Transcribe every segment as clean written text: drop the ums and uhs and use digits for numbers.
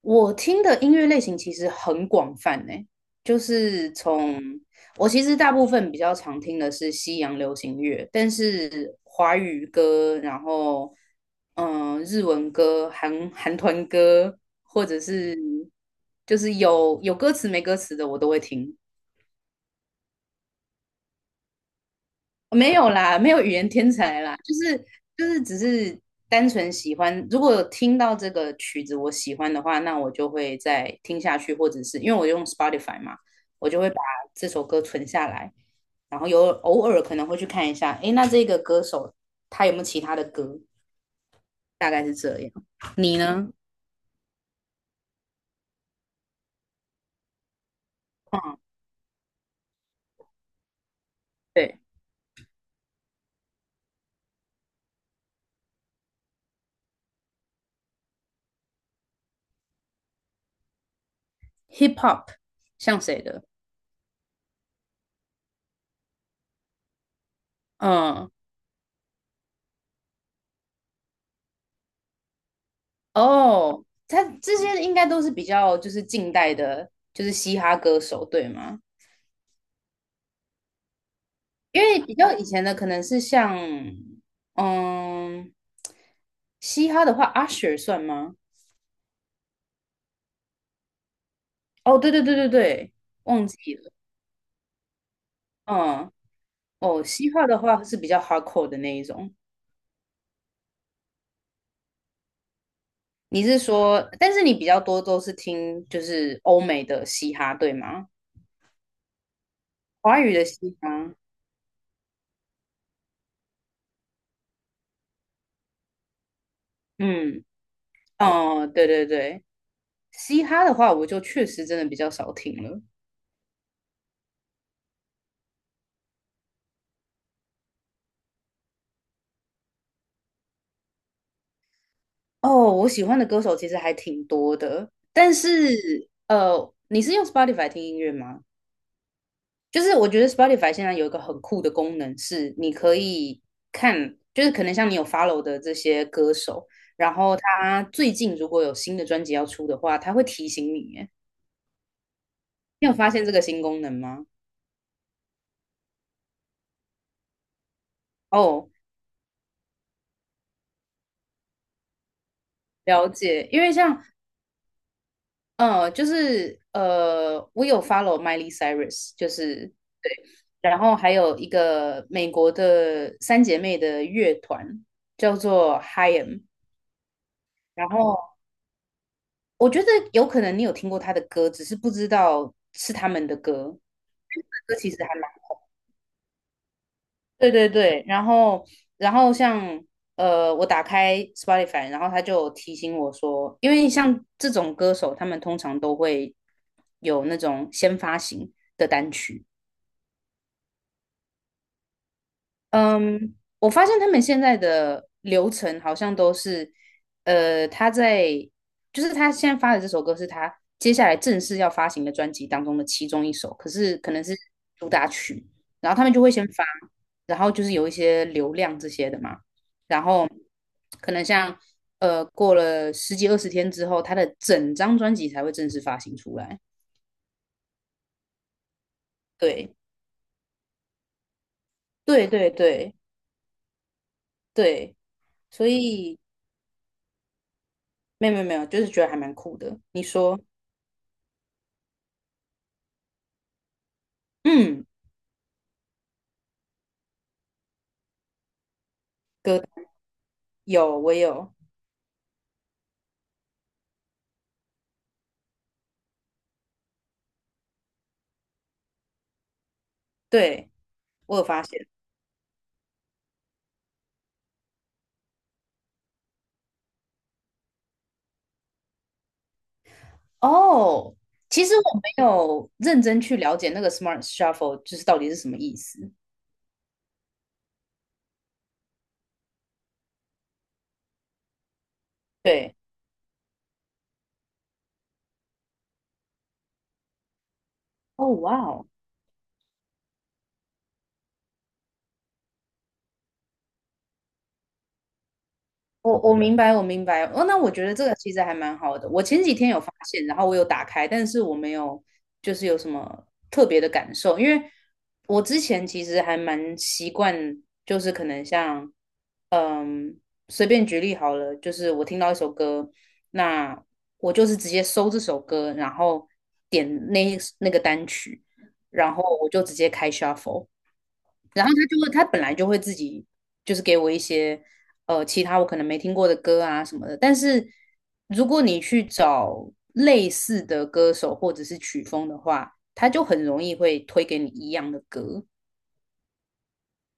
我听的音乐类型其实很广泛呢。就是从我其实大部分比较常听的是西洋流行乐，但是华语歌，然后日文歌、韩团歌，或者是就是有歌词没歌词的我都会听。没有啦，没有语言天才啦，就是只是单纯喜欢。如果有听到这个曲子我喜欢的话，那我就会再听下去，或者是因为我用 Spotify 嘛，我就会把这首歌存下来，然后有偶尔可能会去看一下，诶，那这个歌手他有没有其他的歌？大概是这样。你呢？嗯，对，Hip Hop 像谁的？嗯，哦，他这些应该都是比较就是近代的，就是嘻哈歌手，对吗？因为比较以前的可能是像，嗯，嘻哈的话，Usher 算吗？哦，对对对对对，忘记了，嗯，哦，嘻哈的话是比较 hardcore 的那一种。你是说，但是你比较多都是听就是欧美的嘻哈，对吗？华语的嘻哈，嗯，哦，对对对，嘻哈的话我就确实真的比较少听了。哦，我喜欢的歌手其实还挺多的，但是你是用 Spotify 听音乐吗？就是我觉得 Spotify 现在有一个很酷的功能，是你可以看，就是可能像你有 follow 的这些歌手，然后他最近如果有新的专辑要出的话，他会提醒你耶。你有发现这个新功能吗？哦，了解，因为像就是我有 follow Miley Cyrus，就是然后还有一个美国的三姐妹的乐团叫做 Hym，然后我觉得有可能你有听过她的歌，只是不知道是他们的歌。歌其实还蛮对对对，然后我打开 Spotify，然后他就提醒我说，因为像这种歌手，他们通常都会有那种先发行的单曲，嗯，我发现他们现在的流程好像都是，呃，他在就是他现在发的这首歌是他接下来正式要发行的专辑当中的其中一首，可是可能是主打曲，然后他们就会先发，然后就是有一些流量这些的嘛，然后可能像过了十几二十天之后，他的整张专辑才会正式发行出来。对，对对对对，所以没有没有没有，就是觉得还蛮酷的。你说？嗯，哥有，我有，对，我有发现。哦，其实我没有认真去了解那个 Smart Shuffle 就是到底是什么意思。对，哦，哇哦，我明啊白，我明白。哦，那我觉得这个其实还蛮好的。我前几天有发现，然后我有打开，但是我没有就是有什么特别的感受，因为我之前其实还蛮习惯，就是可能像，嗯，随便举例好了，就是我听到一首歌，那我就是直接搜这首歌，然后点那个单曲，然后我就直接开 shuffle。然后他就会，他本来就会自己就是给我一些其他我可能没听过的歌啊什么的。但是如果你去找类似的歌手或者是曲风的话，他就很容易会推给你一样的歌。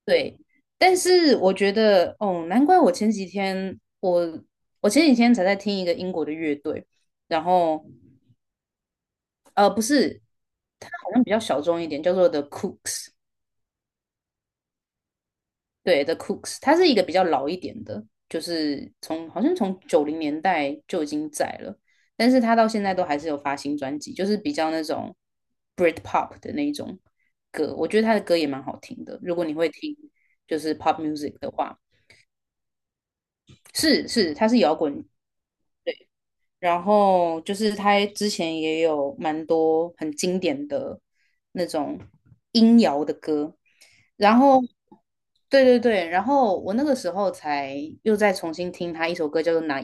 对，但是我觉得哦，难怪我前几天才在听一个英国的乐队，然后不是，它好像比较小众一点，叫做 The Cooks。对，The Cooks，它是一个比较老一点的，就是好像从九零年代就已经在了，但是它到现在都还是有发新专辑，就是比较那种 Britpop 的那一种歌，我觉得他的歌也蛮好听的。如果你会听就是 pop music 的话，是是，它是摇滚，然后就是他之前也有蛮多很经典的那种音摇的歌，然后对对对，然后我那个时候才又再重新听他一首歌叫做《Naive》，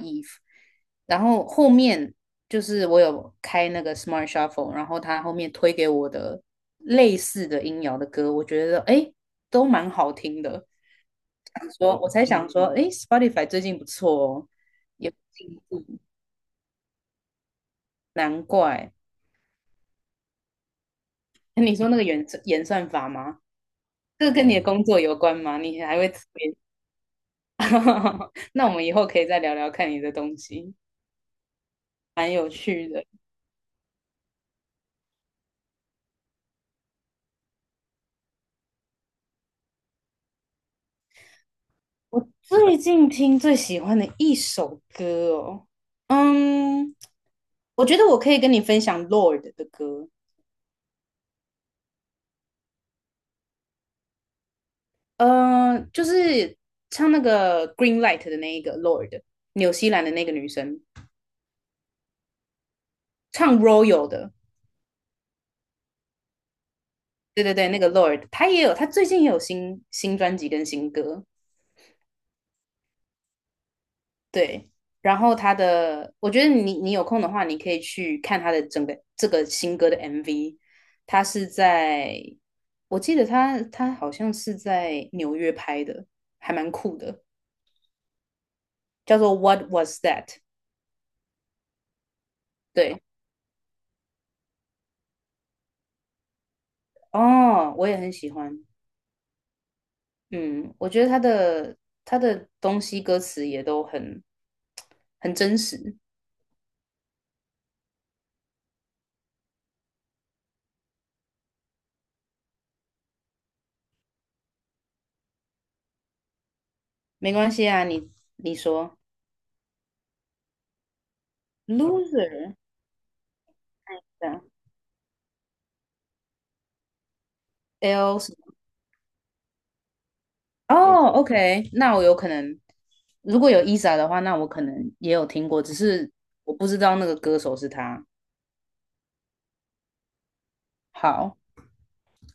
然后后面就是我有开那个 Smart Shuffle，然后他后面推给我的类似的音摇的歌，我觉得诶都蛮好听的，我才想说诶 Spotify 最近不错哦，有进步，难怪。你说那个演算法吗？这个跟你的工作有关吗？你还会特别 那我们以后可以再聊聊看你的东西，蛮有趣的。我最近听最喜欢的一首歌哦，嗯，我觉得我可以跟你分享 Lord 的歌，就是唱那个 Green Light 的那一个 Lord，纽西兰的那个女生唱 Royal 的，对对对，那个 Lord，她也有，她最近也有新专辑跟新歌。对，然后他的，我觉得你有空的话，你可以去看他的整个这个新歌的 MV。他是在，我记得他好像是在纽约拍的，还蛮酷的，叫做《What Was That》。对，哦，我也很喜欢。嗯，我觉得他的东西歌词也都很真实。没关系啊，你说 loser 这样，L s 什哦，OK，那我有可能，如果有 Isa 的话，那我可能也有听过，只是我不知道那个歌手是他。好，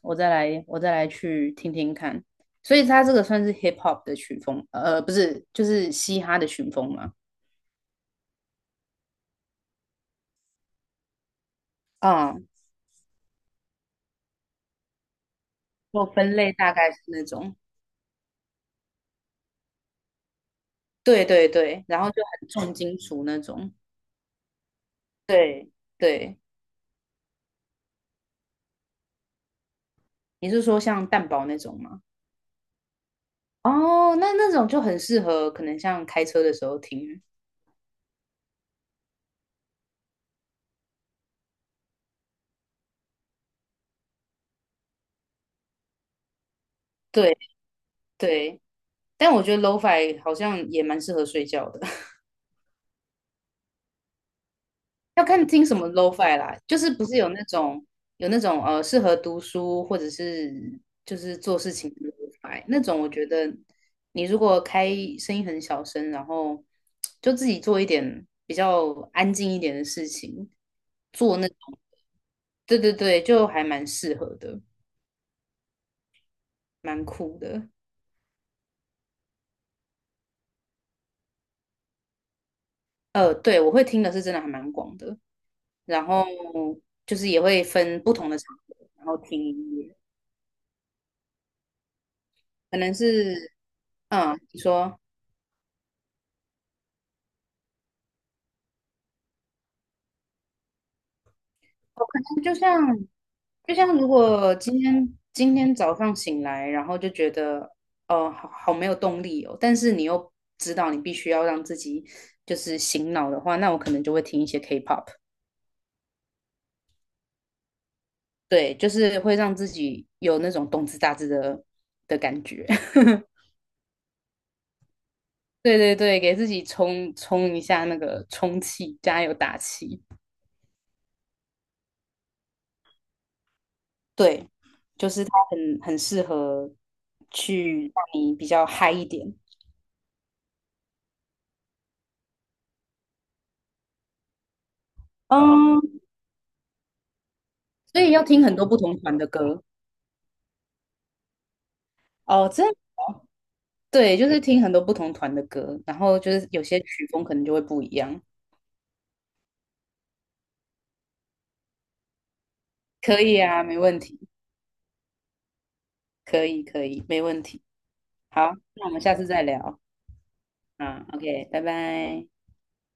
我再来去听听看。所以他这个算是 hip hop 的曲风，不是，就是嘻哈的曲风嘛。啊，我分类大概是那种，对对对，然后就很重金属那种。对对，你是说像蛋堡那种吗？哦，那种就很适合，可能像开车的时候听。对对，但我觉得 LoFi 好像也蛮适合睡觉的，要看听什么 LoFi 啦，就是不是有那种适合读书或者是就是做事情的 LoFi 那种，我觉得你如果开声音很小声，然后就自己做一点比较安静一点的事情，做那种，对对对，就还蛮适合的，蛮酷的。对，我会听的是真的还蛮广的，然后就是也会分不同的场合，然后听音乐。可能是，嗯，你说，就像就像如果今天早上醒来，然后就觉得，哦，好好没有动力哦，但是你又知道你必须要让自己就是醒脑的话，那我可能就会听一些 K-pop，对，就是会让自己有那种动次打次的感觉，对对对，给自己充充一下那个充气，加油打气。对，就是它很适合去让你比较嗨一点，嗯，所以要听很多不同团的歌哦，对，就是听很多不同团的歌，然后就是有些曲风可能就会不一样，可以啊，没问题，可以可以，没问题，好，那我们下次再聊，啊，OK，拜拜。